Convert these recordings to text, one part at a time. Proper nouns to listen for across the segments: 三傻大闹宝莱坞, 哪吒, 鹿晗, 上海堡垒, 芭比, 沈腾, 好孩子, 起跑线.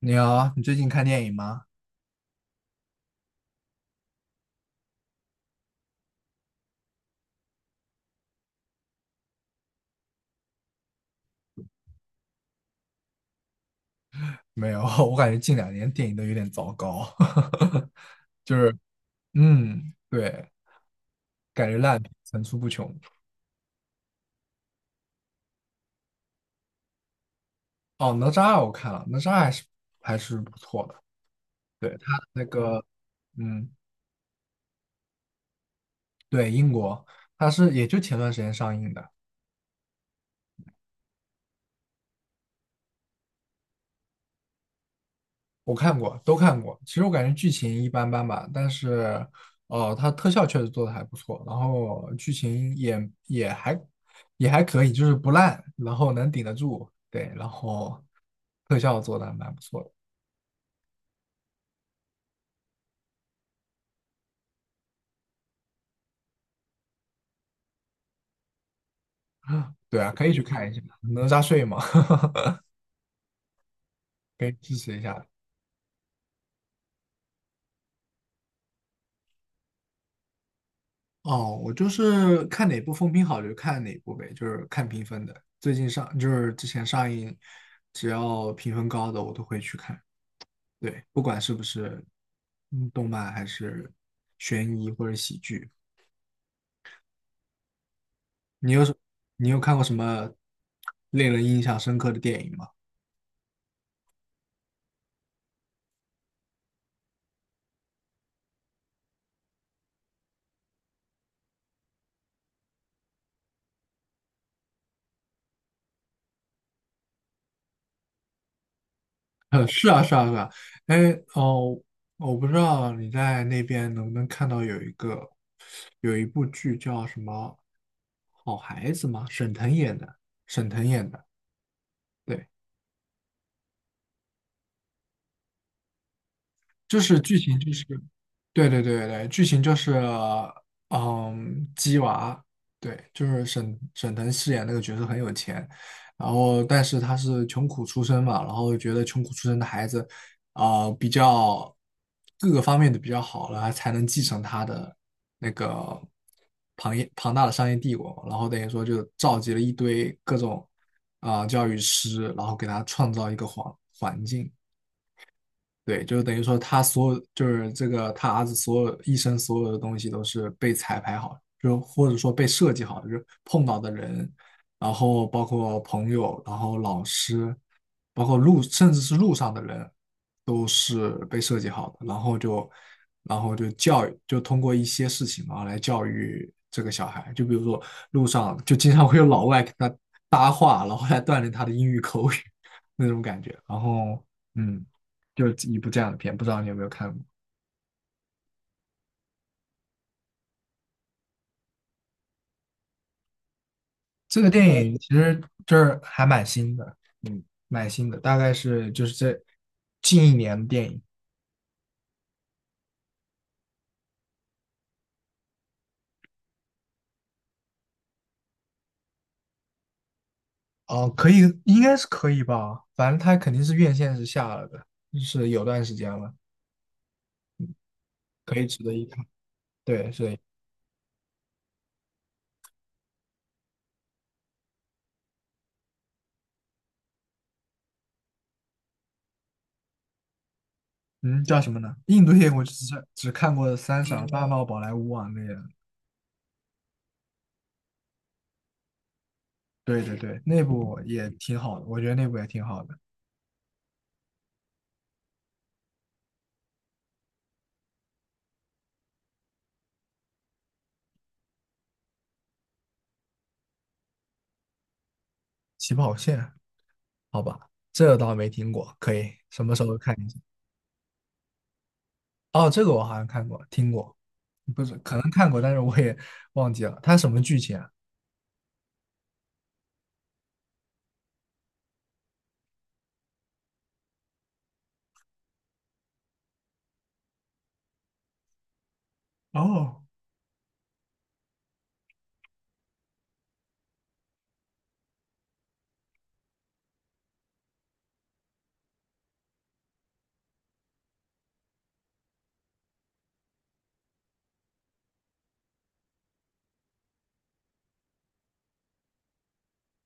你好，你最近看电影吗？没有，我感觉近两年电影都有点糟糕，就是，对，感觉烂片层出不穷。哦，哪吒我看了，哪吒还是不错的。对，他那个，嗯，对，英国，他是也就前段时间上映的。我看过，都看过。其实我感觉剧情一般般吧，但是，它特效确实做的还不错，然后剧情也还可以，就是不烂，然后能顶得住。对，然后特效做的还蛮不错的。对啊，可以去看一下《哪吒睡》嘛，可以支持一下。哦，我就是看哪部风评好就看哪部呗，就是看评分的。最近上就是之前上映，只要评分高的我都会去看。对，不管是不是动漫还是悬疑或者喜剧，你有什你有看过什么令人印象深刻的电影吗？是啊,是啊,是啊。哎，哦，我不知道你在那边能不能看到有一部剧叫什么《好孩子》吗？沈腾演的，对，就是剧情就是。对，剧情就是，鸡娃，对，就是沈腾饰演那个角色很有钱，然后但是他是穷苦出身嘛，然后觉得穷苦出身的孩子，比较各个方面的比较好了，才能继承他的那个庞大的商业帝国，然后等于说就召集了一堆各种教育师，然后给他创造一个环境，对，就等于说他所有，就是这个他儿子所有一生所有的东西都是被彩排好，就或者说被设计好，就是碰到的人，然后包括朋友，然后老师，包括路，甚至是路上的人，都是被设计好的，然后就教育，就通过一些事情啊来教育这个小孩，就比如说路上就经常会有老外跟他搭话，然后来锻炼他的英语口语 那种感觉，嗯。就是一部这样的片，不知道你有没有看过？这个电影其实就是还蛮新的，嗯，蛮新的，大概是就是这近一年的电影哦，可以，应该是可以吧，反正它肯定是院线是下了的，就是有段时间了，可以值得一看。对，所以，嗯，叫什么呢？印度电影我只看过《三傻大闹宝莱坞》啊那个，对，那部也挺好的，我觉得那部也挺好的，《起跑线》好吧，这倒没听过，可以什么时候看一下？哦，这个我好像看过，听过，不是，可能看过，但是我也忘记了，它什么剧情啊？哦，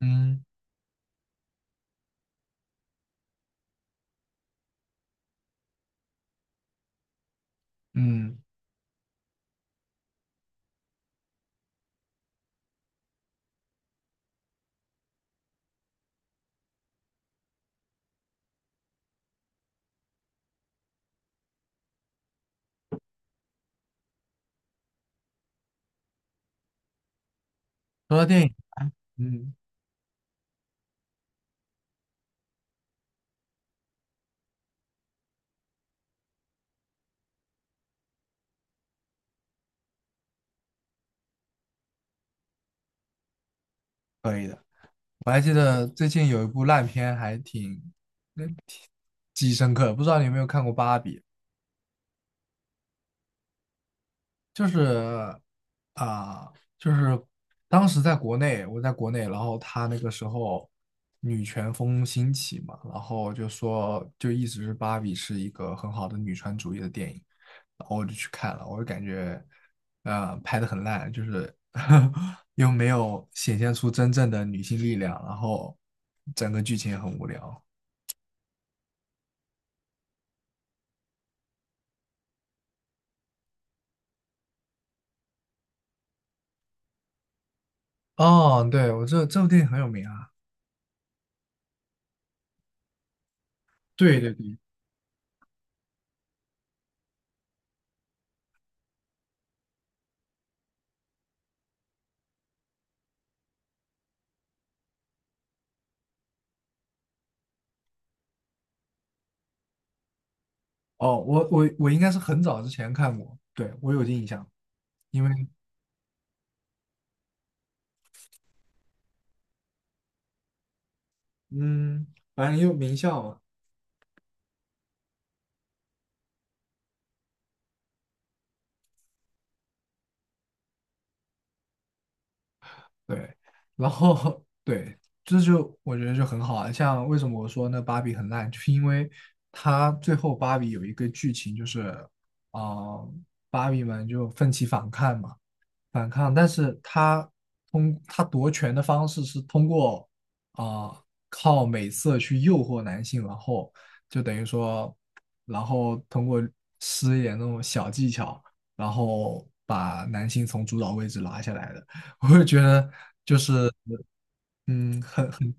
嗯嗯，说到电影啊，嗯，可以的。我还记得最近有一部烂片，还挺记忆深刻，不知道你有没有看过《芭比》？就是啊、就是当时在国内，我在国内，然后他那个时候女权风兴起嘛，然后就说就一直是芭比是一个很好的女权主义的电影，然后我就去看了，我就感觉拍的很烂，就是 又没有显现出真正的女性力量，然后整个剧情也很无聊。哦，对，我这部电影很有名啊。对。哦，我应该是很早之前看过，对，我有印象，因为嗯，反正也有名校嘛，对，然后 对，这就我觉得就很好啊。像为什么我说那芭比很烂，就是因为它最后芭比有一个剧情就是，啊、芭比们就奋起反抗嘛，反抗，但是他夺权的方式是通过啊、呃靠美色去诱惑男性，然后就等于说，然后通过施一点那种小技巧，然后把男性从主导位置拉下来的。我就觉得就是很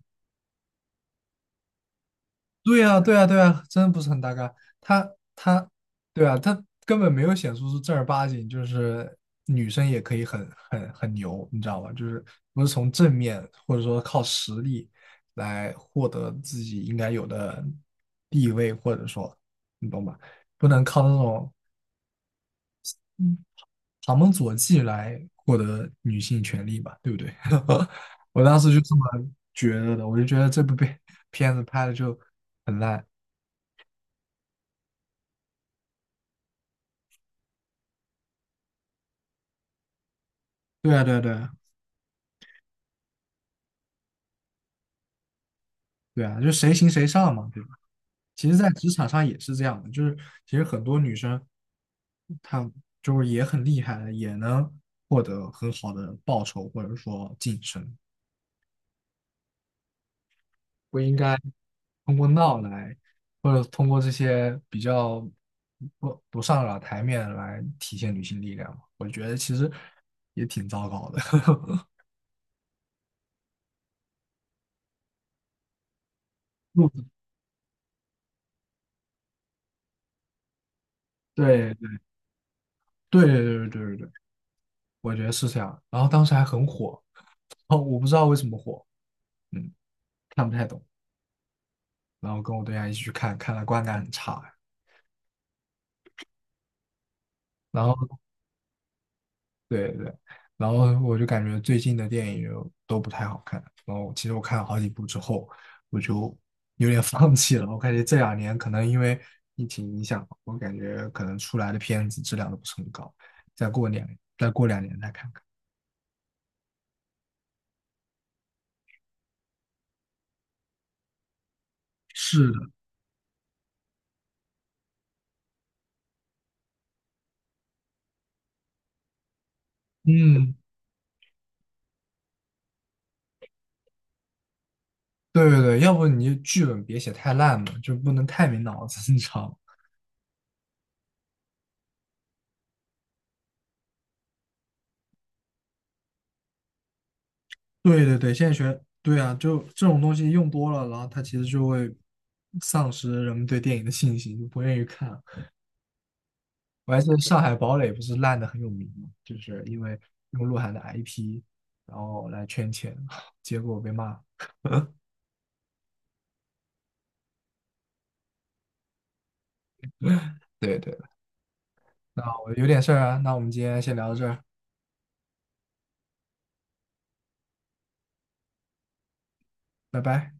对啊,对啊,对啊，真的不是很大嘎。他他，对啊，他根本没有显示出正儿八经，就是女生也可以很牛，你知道吧？就是不是从正面或者说靠实力来获得自己应该有的地位，或者说你懂吧？不能靠那种嗯旁门左技来获得女性权利吧，对不对？我当时就这么觉得的，我就觉得这部片 片子拍的就很烂。对啊,对啊,对啊,对啊，就谁行谁上嘛，对吧？其实，在职场上也是这样的，就是其实很多女生，她就是也很厉害的，也能获得很好的报酬或者说晋升，不应该通过闹来，或者通过这些比较不上了台面来体现女性力量嘛。我觉得其实也挺糟糕的。对对对对，我觉得是这样。然后当时还很火，哦，我不知道为什么火，嗯，看不太懂。然后跟我对象一起去看，看了，观感很差。然后对对，然后我就感觉最近的电影就都不太好看。然后其实我看了好几部之后，我就 有点放弃了。我感觉这两年可能因为疫情影响，我感觉可能出来的片子质量都不是很高。再过两再过两年再看看。是的，嗯，对，要不你就剧本别写太烂了，就不能太没脑子，你知道吗？对，现在学，对啊，就这种东西用多了，然后它其实就会丧失人们对电影的信心，就不愿意看了我还记得《上海堡垒》不是烂的很有名嘛，就是因为用鹿晗的 IP，然后来圈钱，结果被骂。对，那我有点事儿啊，那我们今天先聊到这儿，拜拜。